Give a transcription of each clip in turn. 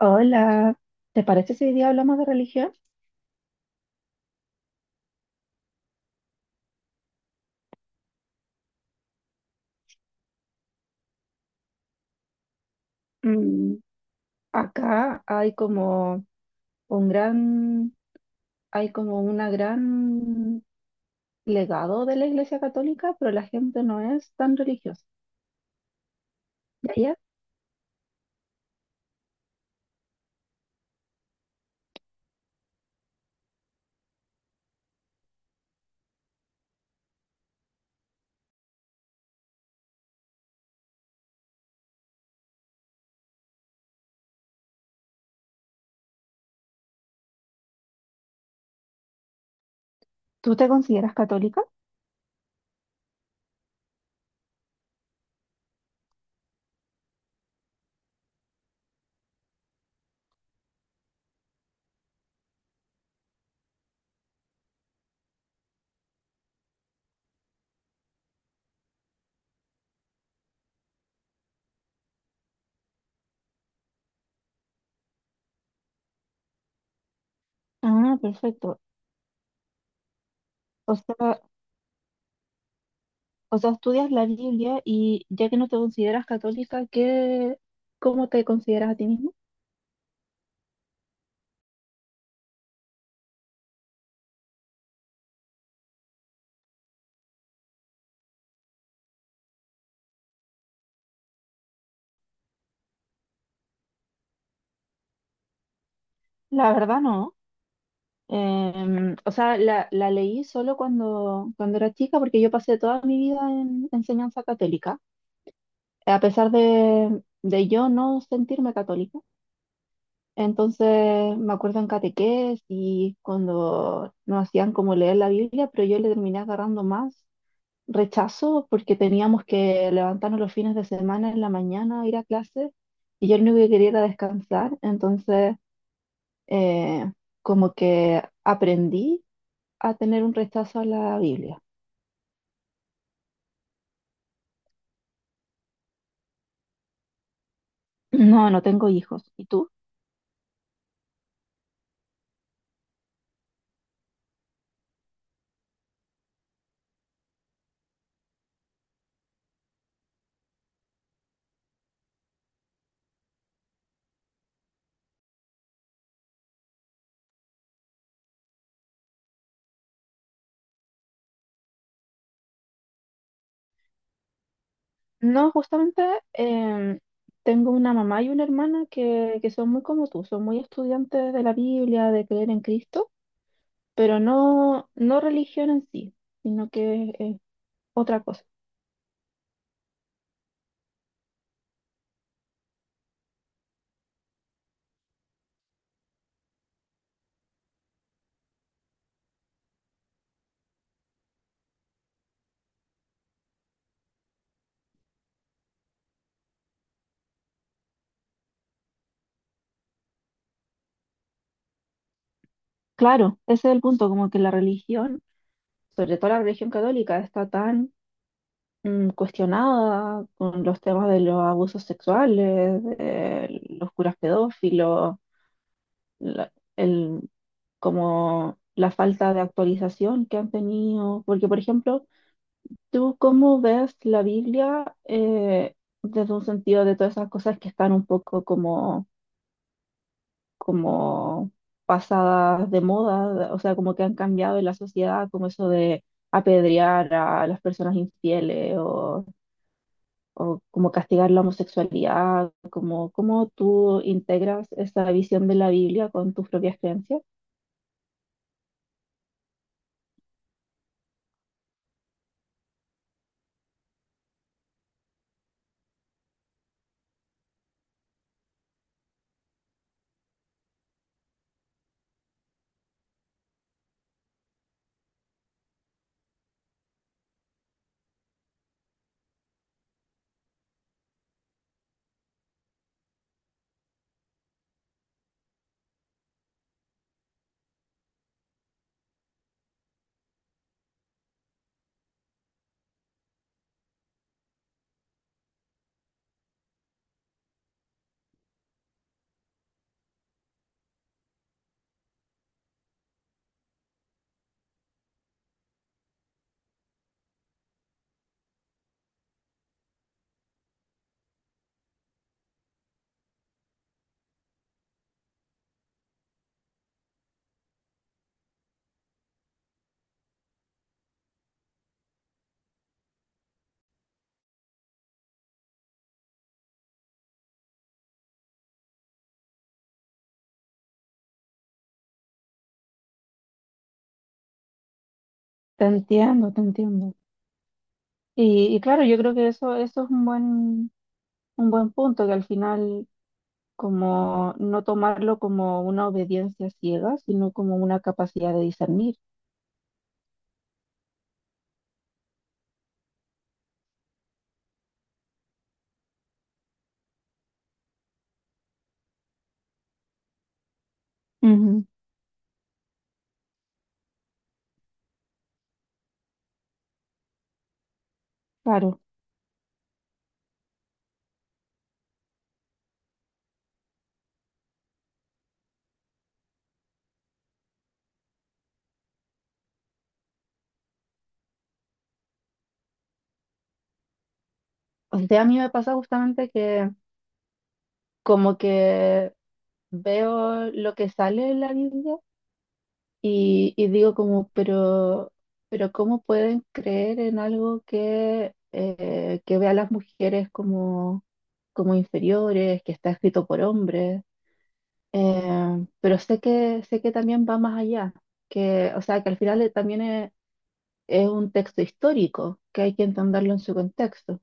Hola, ¿te parece si hoy día hablamos de religión? Mm, acá hay como un gran, hay como una gran legado de la Iglesia Católica, pero la gente no es tan religiosa. ¿Ya, ya? ¿Tú te consideras católica? Ah, perfecto. O sea, o sea, estudias la Biblia y ya que no te consideras católica, ¿qué, cómo te consideras a ti mismo? La verdad no. O sea, la leí solo cuando era chica porque yo pasé toda mi vida en enseñanza católica, a pesar de yo no sentirme católica. Entonces me acuerdo en catequesis y cuando nos hacían como leer la Biblia, pero yo le terminé agarrando más rechazo porque teníamos que levantarnos los fines de semana en la mañana, ir a clase y yo lo único que quería era descansar. Entonces, eh, como que aprendí a tener un rechazo a la Biblia. No, no tengo hijos. ¿Y tú? No, justamente em, tengo una mamá y una hermana que son muy como tú, son muy estudiantes de la Biblia, de creer en Cristo, pero no, no religión en sí, sino que es otra cosa. Claro, ese es el punto, como que la religión, sobre todo la religión católica, está tan cuestionada con los temas de los abusos sexuales, de los curas pedófilos, la- el, como la falta de actualización que han tenido. Porque, por ejemplo, ¿tú cómo ves la Biblia, desde un sentido de todas esas cosas que están un poco como, como pasadas de moda? O sea, como que han cambiado en la sociedad, como eso de apedrear a las personas infieles o como castigar la homosexualidad, como, ¿cómo tú integras esa visión de la Biblia con tus propias creencias? Te entiendo, te entiendo. Y claro, yo creo que eso es un buen punto, que al final como no tomarlo como una obediencia ciega, sino como una capacidad de discernir. Ujú. Claro. O sea, a mí me pasa justamente que como que veo lo que sale en la Biblia. Y digo como, pero ¿cómo pueden creer en algo que ve a las mujeres como, como inferiores, que está escrito por hombres? Pero sé que también va más allá, que, o sea, que al final, también es un texto histórico, que hay que entenderlo en su contexto.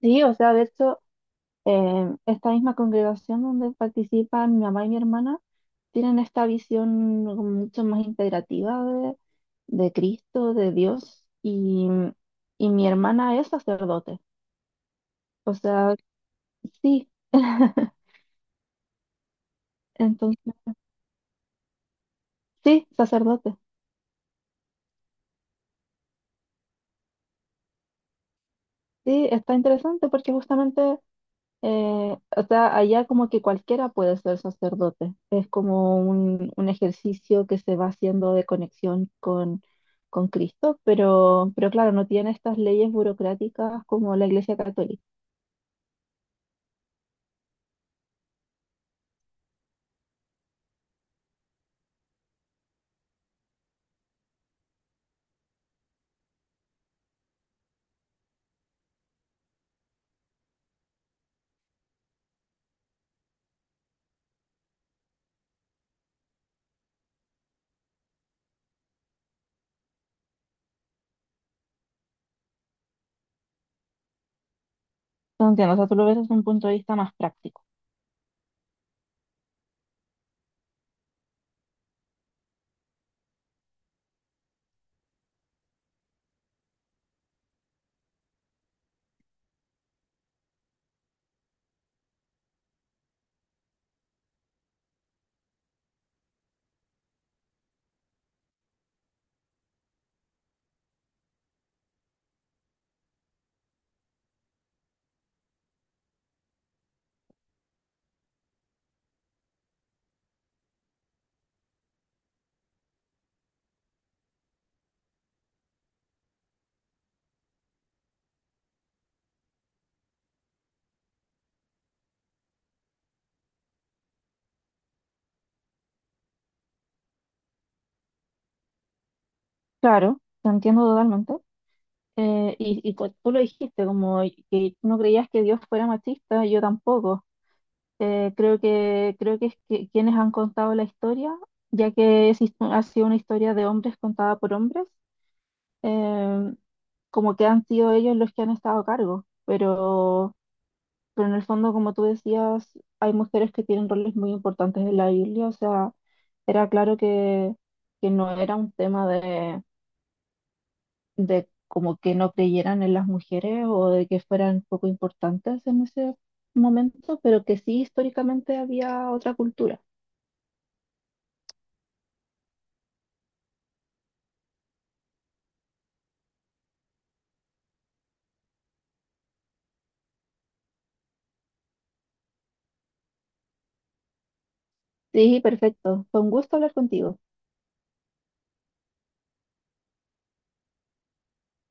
Sí, o sea, de hecho... esta misma congregación donde participan mi mamá y mi hermana tienen esta visión como mucho más integrativa de Cristo, de Dios, y mi hermana es sacerdote. O sea, sí, entonces, sí, sacerdote. Sí, está interesante porque justamente Eh, o sea, allá como que cualquiera puede ser sacerdote. Es como un ejercicio que se va haciendo de conexión con Cristo, pero claro, no tiene estas leyes burocráticas como la Iglesia Católica. Te entiendo, o sea, tú lo ves desde un punto de vista más práctico. Claro, te entiendo totalmente. Tú lo dijiste, como que no creías que Dios fuera machista, yo tampoco. Creo creo que quienes han contado la historia, ya que ha sido una historia de hombres contada por hombres, eh, como que han sido ellos los que han estado a cargo. Pero en el fondo, como tú decías, hay mujeres que tienen roles muy importantes en la Biblia. O sea, era claro que no era un tema de como que no creyeran en las mujeres o de que fueran poco importantes en ese momento, pero que sí históricamente había otra cultura. Sí, perfecto. Fue un gusto hablar contigo.